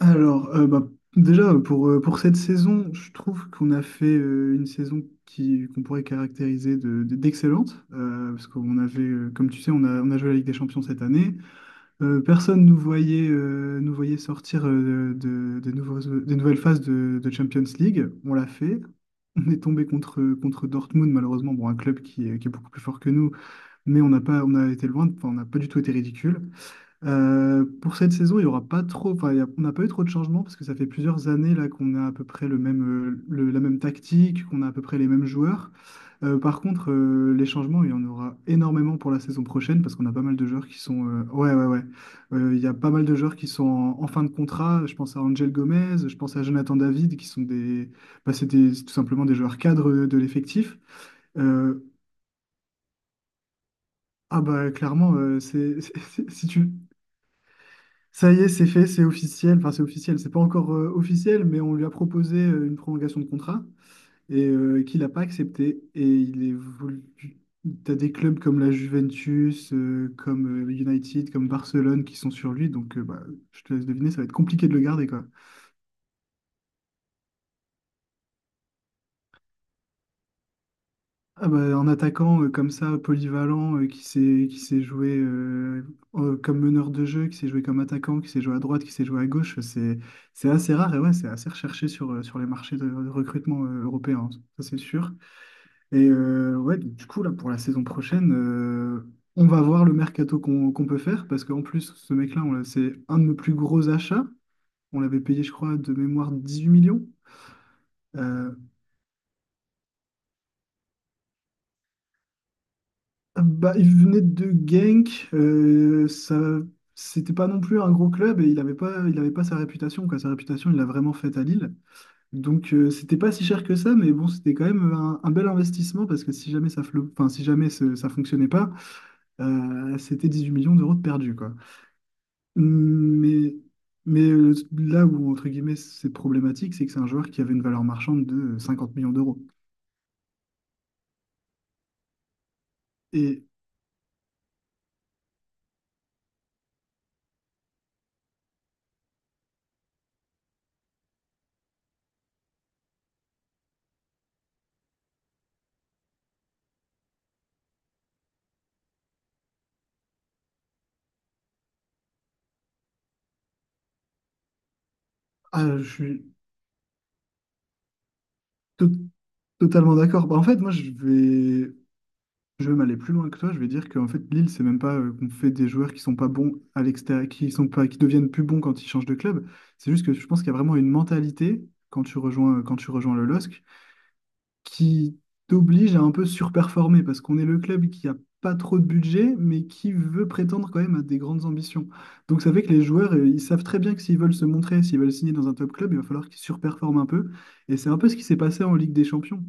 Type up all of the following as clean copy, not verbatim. Alors, bah, déjà, pour cette saison, je trouve qu'on a fait une saison qu'on pourrait caractériser d'excellente, parce qu'on avait, comme tu sais, on a joué la Ligue des Champions cette année. Personne ne nous voyait sortir des nouvelles phases de Champions League. On l'a fait. On est tombé contre Dortmund, malheureusement, bon, un club qui est beaucoup plus fort que nous, mais on n'a pas, on a été loin, enfin, on n'a pas du tout été ridicule. Pour cette saison, il y aura pas trop, enfin, on n'a pas eu trop de changements parce que ça fait plusieurs années là qu'on a à peu près la même tactique, qu'on a à peu près les mêmes joueurs. Par contre, les changements, il y en aura énormément pour la saison prochaine parce qu'on a pas mal de joueurs qui sont, ouais, ouais, ouais. Il y a pas mal de joueurs qui sont en fin de contrat. Je pense à Angel Gomez, je pense à Jonathan David, qui sont des, bah, c'est tout simplement des joueurs cadres de l'effectif. Euh, ah bah clairement, c'est, si tu, ça y est, c'est fait, c'est officiel. Enfin, c'est officiel, c'est pas encore officiel, mais on lui a proposé une prolongation de contrat et qu'il n'a pas accepté. Et il est voulu. T'as des clubs comme la Juventus, comme United, comme Barcelone qui sont sur lui. Donc, bah, je te laisse deviner, ça va être compliqué de le garder, quoi. Ah bah, un attaquant comme ça, polyvalent, qui s'est joué comme meneur de jeu, qui s'est joué comme attaquant, qui s'est joué à droite, qui s'est joué à gauche, c'est assez rare et ouais, c'est assez recherché sur les marchés de recrutement européens, hein, ça c'est sûr. Et ouais, donc, du coup, là, pour la saison prochaine, on va voir le mercato qu'on peut faire, parce qu'en plus, ce mec-là, c'est un de nos plus gros achats. On l'avait payé, je crois, de mémoire 18 millions. Euh, Bah, il venait de Genk, ça, c'était pas non plus un gros club et il avait pas sa réputation, quoi. Sa réputation, il l'a vraiment faite à Lille. Donc, c'était pas si cher que ça, mais bon, c'était quand même un bel investissement parce que si jamais ça, flop, enfin, si jamais ça fonctionnait pas, c'était 8 millions d'euros de perdus, quoi. Mais, mais, là où, entre guillemets, c'est problématique, c'est que c'est un joueur qui avait une valeur marchande de 50 millions d'euros. Et ah, je suis to- totalement d'accord. Bah, en fait, moi. Je vais même aller plus loin que toi, je vais dire qu'en fait Lille, c'est même pas qu'on fait des joueurs qui sont pas bons à l'extérieur, qui sont pas, qui deviennent plus bons quand ils changent de club. C'est juste que je pense qu'il y a vraiment une mentalité quand tu rejoins le LOSC qui t'oblige à un peu surperformer parce qu'on est le club qui a pas trop de budget, mais qui veut prétendre quand même à des grandes ambitions. Donc ça fait que les joueurs, ils savent très bien que s'ils veulent se montrer, s'ils veulent signer dans un top club, il va falloir qu'ils surperforment un peu. Et c'est un peu ce qui s'est passé en Ligue des Champions.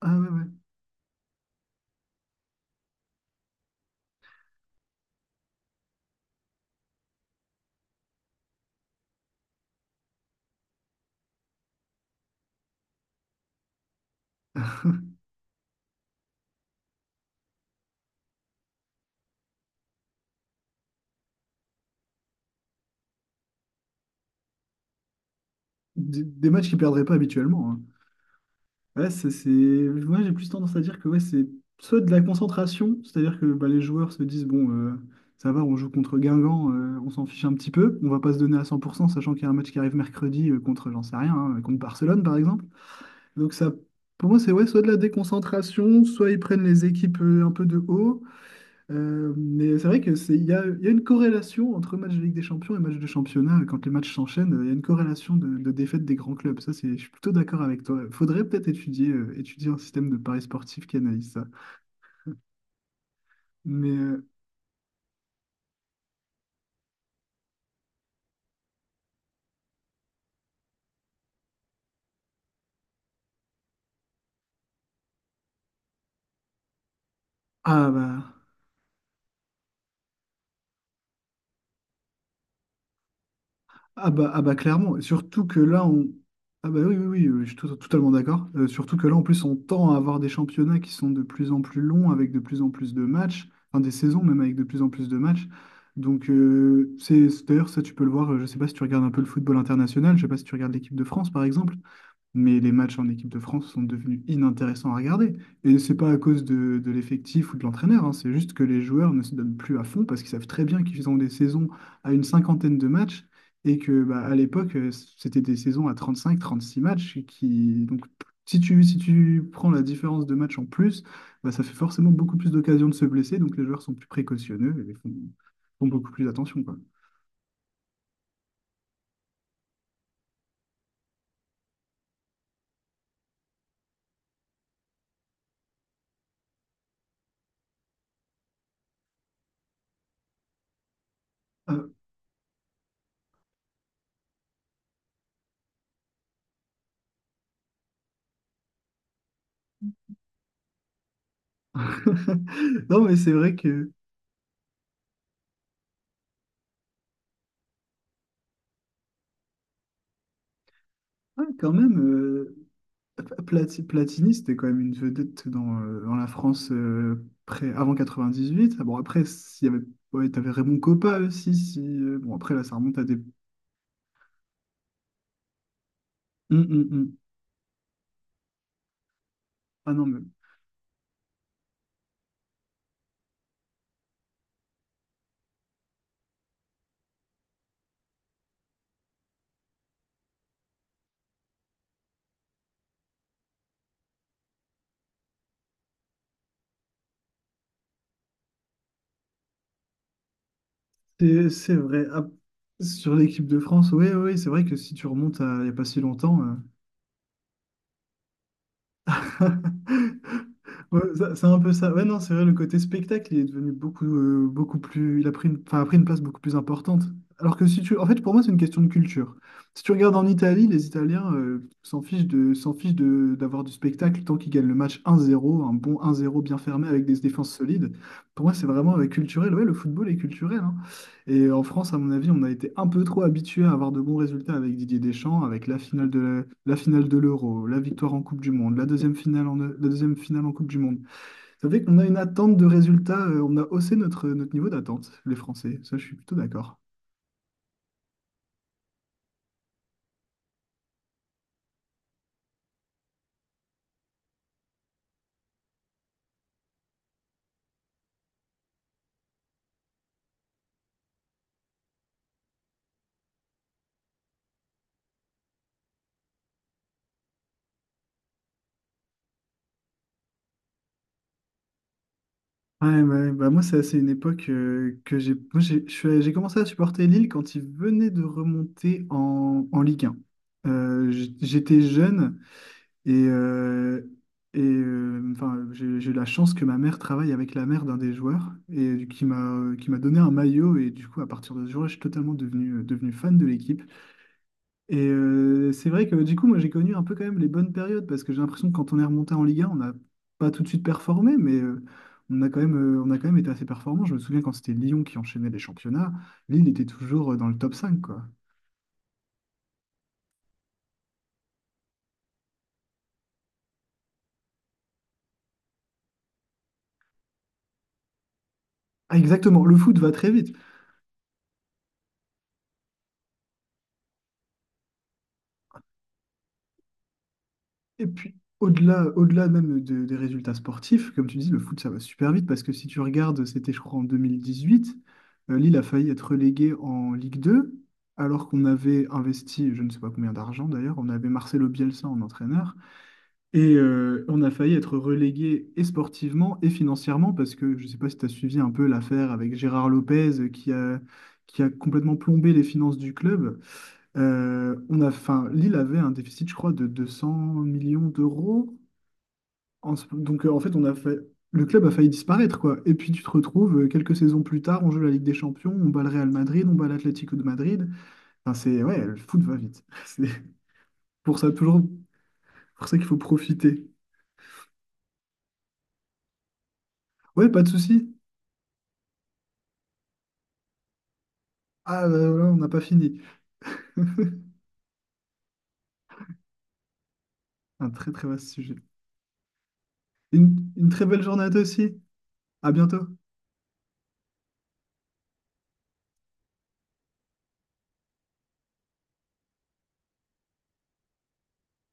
Ah ouais, ouais. Des matchs qu'ils perdraient pas habituellement, hein. Ouais, moi, j'ai plus tendance à dire que ouais, c'est soit de la concentration, c'est-à-dire que bah, les joueurs se disent, bon, ça va, on joue contre Guingamp, on s'en fiche un petit peu, on va pas se donner à 100%, sachant qu'il y a un match qui arrive mercredi contre, j'en sais rien, hein, contre Barcelone, par exemple. Donc ça, pour moi, c'est ouais, soit de la déconcentration, soit ils prennent les équipes un peu de haut, mais c'est vrai que c'est, il y a une corrélation entre match de Ligue des Champions et match de championnat. Quand les matchs s'enchaînent, il y a une corrélation de défaite des grands clubs. Ça, c'est, je suis plutôt d'accord avec toi. Faudrait peut-être étudier un système de paris sportif qui analyse ça. Mais euh, ah bah ah bah clairement, surtout que là, on... Ah bah oui, oui, oui, je suis totalement d'accord. Surtout que là, en plus, on tend à avoir des championnats qui sont de plus en plus longs, avec de plus en plus de matchs, enfin des saisons même avec de plus en plus de matchs. Donc, d'ailleurs, ça, tu peux le voir, je sais pas si tu regardes un peu le football international, je sais pas si tu regardes l'équipe de France, par exemple, mais les matchs en équipe de France sont devenus inintéressants à regarder. Et c'est pas à cause de l'effectif ou de l'entraîneur, hein, c'est juste que les joueurs ne se donnent plus à fond parce qu'ils savent très bien qu'ils ont des saisons à une cinquantaine de matchs et que bah, à l'époque, c'était des saisons à 35, 36 matchs qui donc si tu prends la différence de matchs en plus, bah, ça fait forcément beaucoup plus d'occasions de se blesser, donc les joueurs sont plus précautionneux et font beaucoup plus attention, quoi. Euh, Non, mais c'est vrai que, ouais, quand même, Platini, c'était quand même une vedette dans la France près, avant 98. Ah bon, après, s'il y avait, ouais, t'avais Raymond Kopa aussi. Si, bon, après, là, ça remonte à des. Hum, hum, hum. Ah non, mais c'est vrai. Ah, sur l'équipe de France, oui, oui, c'est vrai que si tu remontes à il n'y a pas si longtemps. Ouais, c'est un peu ça. Ouais, non, c'est vrai, le côté spectacle, il est devenu beaucoup plus. Il a pris une, enfin, a pris une place beaucoup plus importante. Alors que si tu. En fait, pour moi, c'est une question de culture. Si tu regardes en Italie, les Italiens s'en fichent d'avoir du spectacle tant qu'ils gagnent le match 1-0, un bon 1-0 bien fermé avec des défenses solides. Pour moi, c'est vraiment culturel. Ouais, le football est culturel, hein. Et en France, à mon avis, on a été un peu trop habitué à avoir de bons résultats avec Didier Deschamps, avec la finale de la finale de l'Euro, la victoire en Coupe du Monde, la deuxième finale en Coupe du Monde. Ça fait qu'on a une attente de résultats, on a haussé notre niveau d'attente, les Français. Ça, je suis plutôt d'accord. Ouais, ouais, bah moi, c'est une époque que j'ai moi, j'ai je suis- j'ai commencé à supporter Lille quand ils venaient de remonter en Ligue 1. J'étais jeune. Et, euh, et, enfin, j'ai eu la chance que ma mère travaille avec la mère d'un des joueurs et qui m'a donné un maillot. Et du coup, à partir de ce jour-là, je suis totalement devenu fan de l'équipe. Et c'est vrai que du coup, moi, j'ai connu un peu quand même les bonnes périodes parce que j'ai l'impression que quand on est remonté en Ligue 1, on n'a pas tout de suite performé, mais on a quand même, on a quand même été assez performant. Je me souviens quand c'était Lyon qui enchaînait les championnats, Lille était toujours dans le top 5 quoi. Ah, exactement, le foot va très vite. Et puis, au-delà même des résultats sportifs, comme tu dis, le foot, ça va super vite parce que si tu regardes, c'était, je crois, en 2018, Lille a failli être relégué en Ligue 2, alors qu'on avait investi, je ne sais pas combien d'argent d'ailleurs, on avait Marcelo Bielsa en entraîneur, et on a failli être relégué et sportivement et financièrement parce que, je ne sais pas si tu as suivi un peu l'affaire avec Gérard Lopez qui a complètement plombé les finances du club. On a, enfin, Lille avait un déficit, je crois, de 200 millions d'euros. Donc, en fait, on a fait, le club a failli disparaître, quoi. Et puis, tu te retrouves quelques saisons plus tard, on joue la Ligue des Champions, on bat le Real Madrid, on bat l'Atlético de Madrid. Enfin, c'est, ouais, le foot va vite. C'est pour ça, toujours, pour ça qu'il faut profiter. Ouais, pas de souci. Ah, bah, voilà, on n'a pas fini. Un très, très vaste sujet. Une très belle journée à toi aussi. À bientôt.